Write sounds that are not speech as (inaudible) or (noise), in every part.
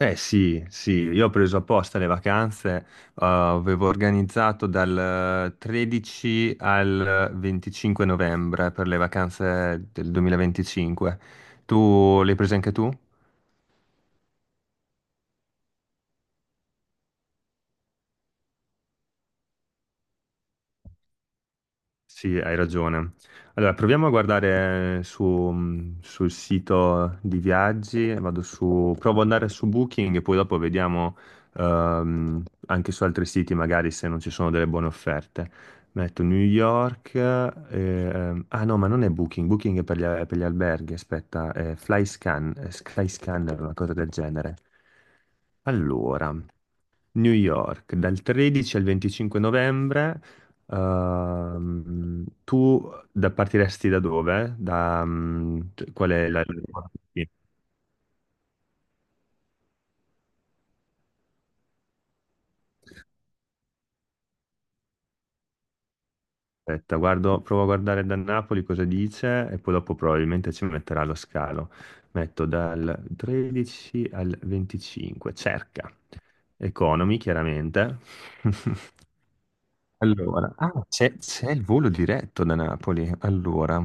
Eh sì, sì, io ho preso apposta le vacanze, avevo organizzato dal 13 al 25 novembre per le vacanze del 2025. Tu le hai prese anche tu? Sì, hai ragione. Allora, proviamo a guardare sul sito di viaggi, vado su, provo ad andare su Booking e poi dopo vediamo, anche su altri siti magari se non ci sono delle buone offerte. Metto New York, ah no, ma non è Booking. Booking è per gli alberghi, aspetta, è Flyscan, è Skyscanner, una cosa del genere. Allora. New York, dal 13 al 25 novembre, partiresti da dove? Da, cioè, qual è la. Sì, aspetta, guardo, provo a guardare da Napoli cosa dice e poi dopo probabilmente ci metterà lo scalo. Metto dal 13 al 25, cerca. Economy, chiaramente. (laughs) Allora, ah, c'è il volo diretto da Napoli, allora,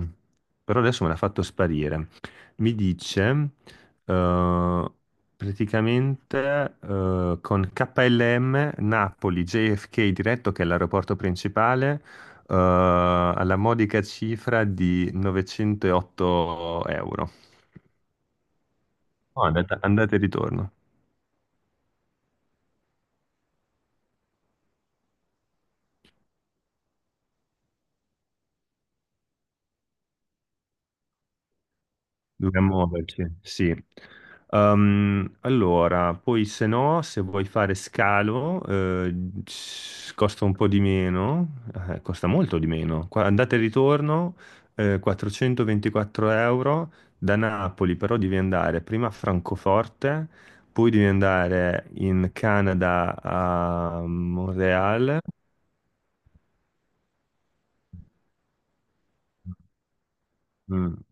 però adesso me l'ha fatto sparire. Mi dice, eh, praticamente, con KLM Napoli JFK diretto, che è l'aeroporto principale, alla modica cifra di 908 euro. No, andata e ritorno. Dobbiamo muoverci, sì. Allora, poi se no, se vuoi fare scalo, costa un po' di meno, costa molto di meno. Andata e ritorno, 424 euro da Napoli, però devi andare prima a Francoforte, poi devi andare in Canada a Montreal. Mm.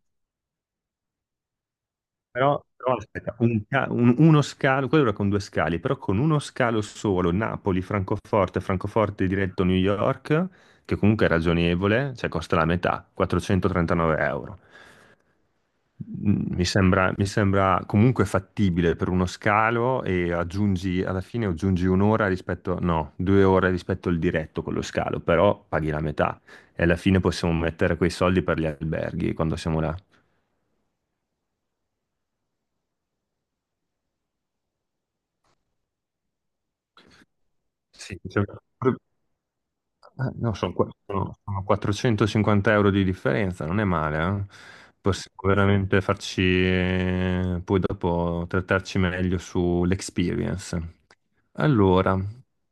Però aspetta, uno scalo, quello era con due scali, però con uno scalo solo, Napoli-Francoforte, Francoforte diretto New York, che comunque è ragionevole, cioè costa la metà, 439 euro. Mi sembra comunque fattibile per uno scalo e aggiungi, alla fine aggiungi un'ora rispetto, no, 2 ore rispetto al diretto con lo scalo, però paghi la metà e alla fine possiamo mettere quei soldi per gli alberghi quando siamo là. Sì, eh, no, sono 450 euro di differenza, non è male, eh? Possiamo veramente farci, poi dopo trattarci meglio sull'experience. Allora,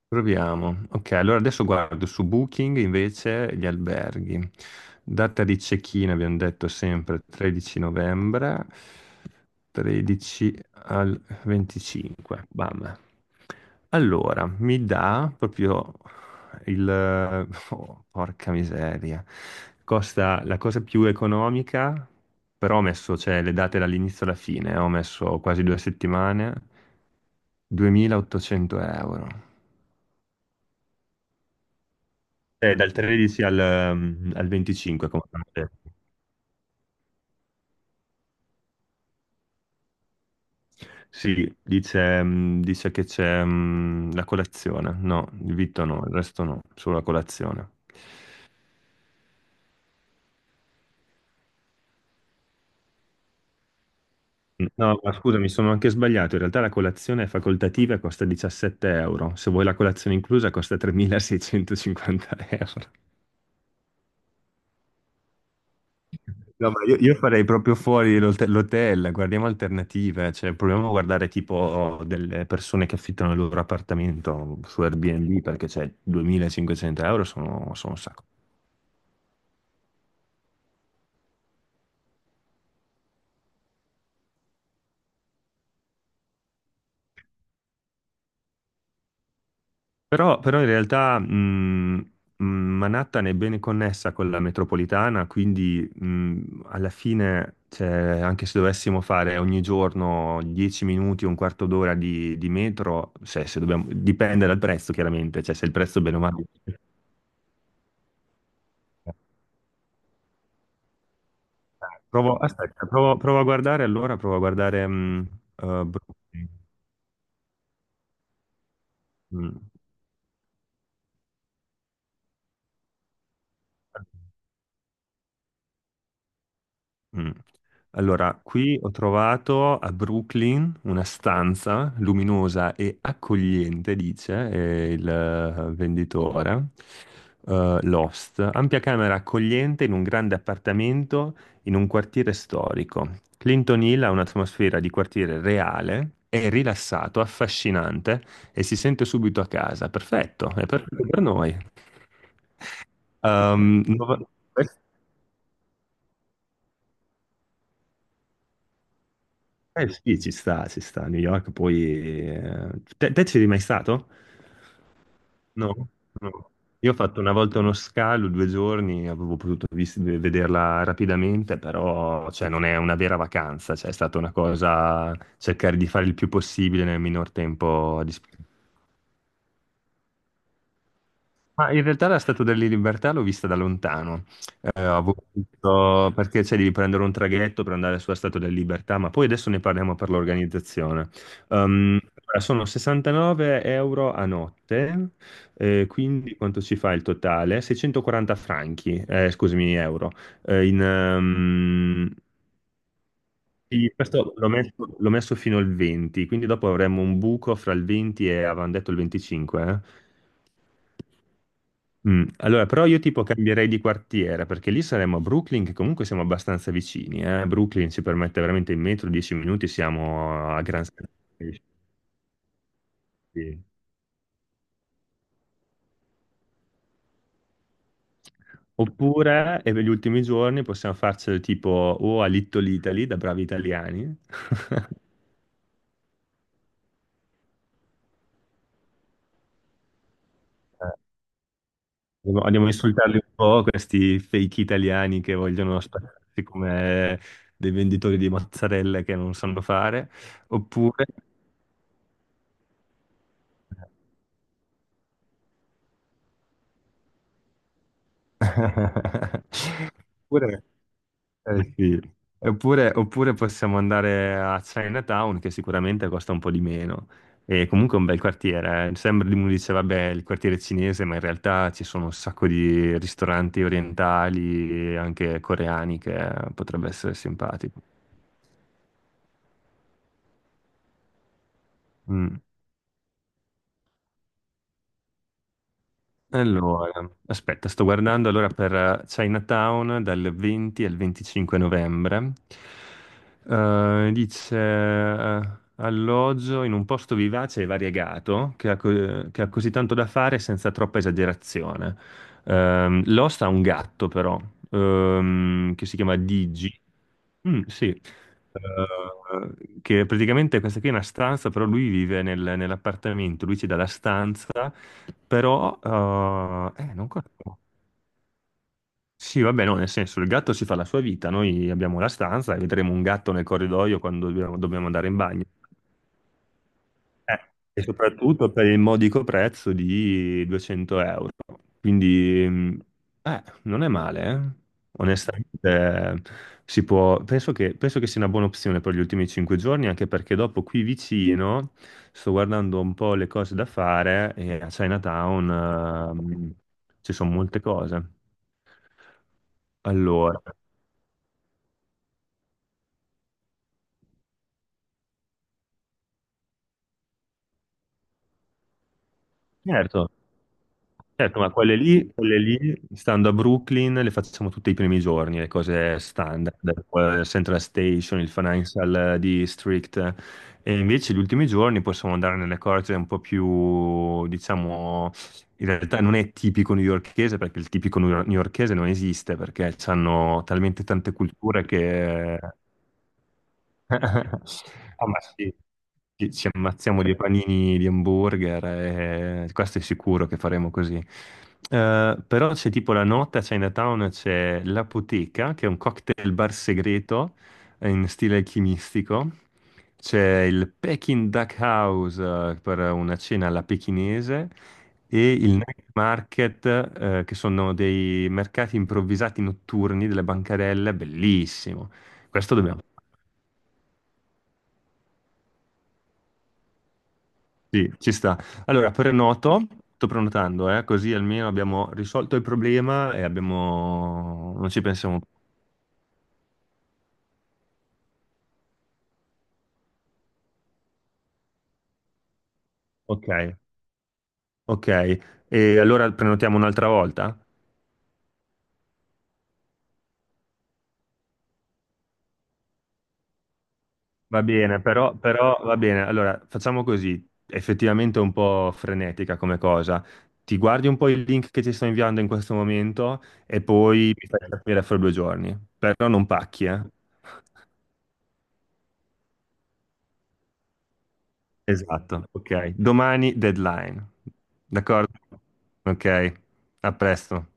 proviamo. Ok, allora adesso guardo su Booking invece gli alberghi. Data di check-in abbiamo detto sempre 13 novembre, 13 al 25. Bam. Allora, mi dà proprio il. (laughs) Oh, porca miseria. Costa la cosa più economica, però ho messo, cioè, le date dall'inizio alla fine, ho messo quasi 2 settimane, 2.800 euro. Dal 13 al 25, come abbiamo detto. Sì, dice che c'è, la colazione. No, il vitto no, il resto no, solo la colazione. No, ma scusa, mi sono anche sbagliato. In realtà la colazione è facoltativa e costa 17 euro. Se vuoi la colazione inclusa costa 3.650 euro. No, ma io farei proprio fuori l'hotel, guardiamo alternative, cioè proviamo a guardare tipo delle persone che affittano il loro appartamento su Airbnb perché cioè 2.500 euro sono un sacco. Però in realtà, Manhattan è bene connessa con la metropolitana, quindi, alla fine, cioè, anche se dovessimo fare ogni giorno 10 minuti, un quarto d'ora di metro, cioè, se dipende dal prezzo chiaramente, cioè se il prezzo è bene o male. Provo, aspetta, provo a guardare allora, provo a guardare, Brooklyn. Mm. Mm. Allora, qui ho trovato a Brooklyn una stanza luminosa e accogliente, dice, il, venditore. Lost, ampia camera accogliente in un grande appartamento in un quartiere storico. Clinton Hill ha un'atmosfera di quartiere reale, è rilassato, affascinante e si sente subito a casa. Perfetto, è perfetto per noi. Ehm, nova- Eh sì, ci sta, ci sta. New York poi... eh, te ci eri mai stato? No, no. Io ho fatto una volta uno scalo, 2 giorni, avevo potuto vederla rapidamente, però cioè, non è una vera vacanza, cioè, è stata una cosa cercare di fare il più possibile nel minor tempo a disposizione. Ma in realtà la Statua della Libertà l'ho vista da lontano. Perché c'è devi prendere un traghetto per andare sulla Statua della Libertà, ma poi adesso ne parliamo per l'organizzazione. Allora, sono 69 euro a notte, quindi quanto ci fa il totale? 640 franchi, scusami, euro. Eh, in, ehm, sì, questo l'ho messo, fino al 20, quindi dopo avremo un buco fra il 20 e avevamo detto il 25, eh? Allora, però io tipo cambierei di quartiere perché lì saremmo a Brooklyn, che comunque siamo abbastanza vicini. Brooklyn ci permette veramente in metro 10 minuti, siamo a Grand Central Station. Oppure, e per gli ultimi giorni possiamo farcelo tipo o a Little Italy da bravi italiani. (laughs) Andiamo a insultarli un po', questi fake italiani che vogliono spararsi come dei venditori di mozzarella che non sanno fare. Oppure... (laughs) Oppure Eh sì. Oppure possiamo andare a Chinatown, che sicuramente costa un po' di meno. E comunque è un bel quartiere. Sembra di uno dice, vabbè, il quartiere cinese, ma in realtà ci sono un sacco di ristoranti orientali e anche coreani che potrebbe essere simpatico. Mm. Allora, aspetta, sto guardando allora per, Chinatown dal 20 al 25 novembre. Dice, alloggio in un posto vivace e variegato che ha così tanto da fare senza troppa esagerazione. L'host ha un gatto però, che si chiama Digi. Mm, sì. Che praticamente questa qui è una stanza, però lui vive nell'appartamento, lui ci dà la stanza però, non conosco. Sì, vabbè, no, nel senso, il gatto si fa la sua vita, noi abbiamo la stanza e vedremo un gatto nel corridoio quando dobbiamo andare in bagno. Eh, E soprattutto per il modico prezzo di 200 euro. Quindi, non è male, eh. Onestamente, si può. Penso che sia una buona opzione per gli ultimi 5 giorni, anche perché dopo qui vicino sto guardando un po' le cose da fare e a Chinatown, ci sono molte cose. Allora, certo, certo, ma quelle lì, stando a Brooklyn, le facciamo tutti i primi giorni, le cose standard, Central Station, il Financial District. E invece gli ultimi giorni possiamo andare nelle cose un po' più, diciamo, in realtà non è tipico newyorchese, perché il tipico newyorchese non esiste, perché hanno talmente tante culture che (laughs) Ah, ma sì, ci ammazziamo di panini di hamburger e questo è sicuro che faremo così. Però c'è tipo la notte a Chinatown, c'è l'Apoteca, che è un cocktail bar segreto, in stile alchimistico. C'è il Peking Duck House, per una cena alla pechinese e il night market, che sono dei mercati improvvisati notturni delle bancarelle, bellissimo. Questo dobbiamo Sì, ci sta. Allora, sto prenotando, così almeno abbiamo risolto il problema e abbiamo. Non ci pensiamo. Ok, ok. E allora prenotiamo un'altra volta? Va bene, però va bene. Allora, facciamo così. Effettivamente è un po' frenetica come cosa. Ti guardi un po' il link che ti sto inviando in questo momento e poi mi fai capire fra 2 giorni. Però non pacchi, eh. Esatto, ok. Domani deadline. D'accordo? Ok, a presto.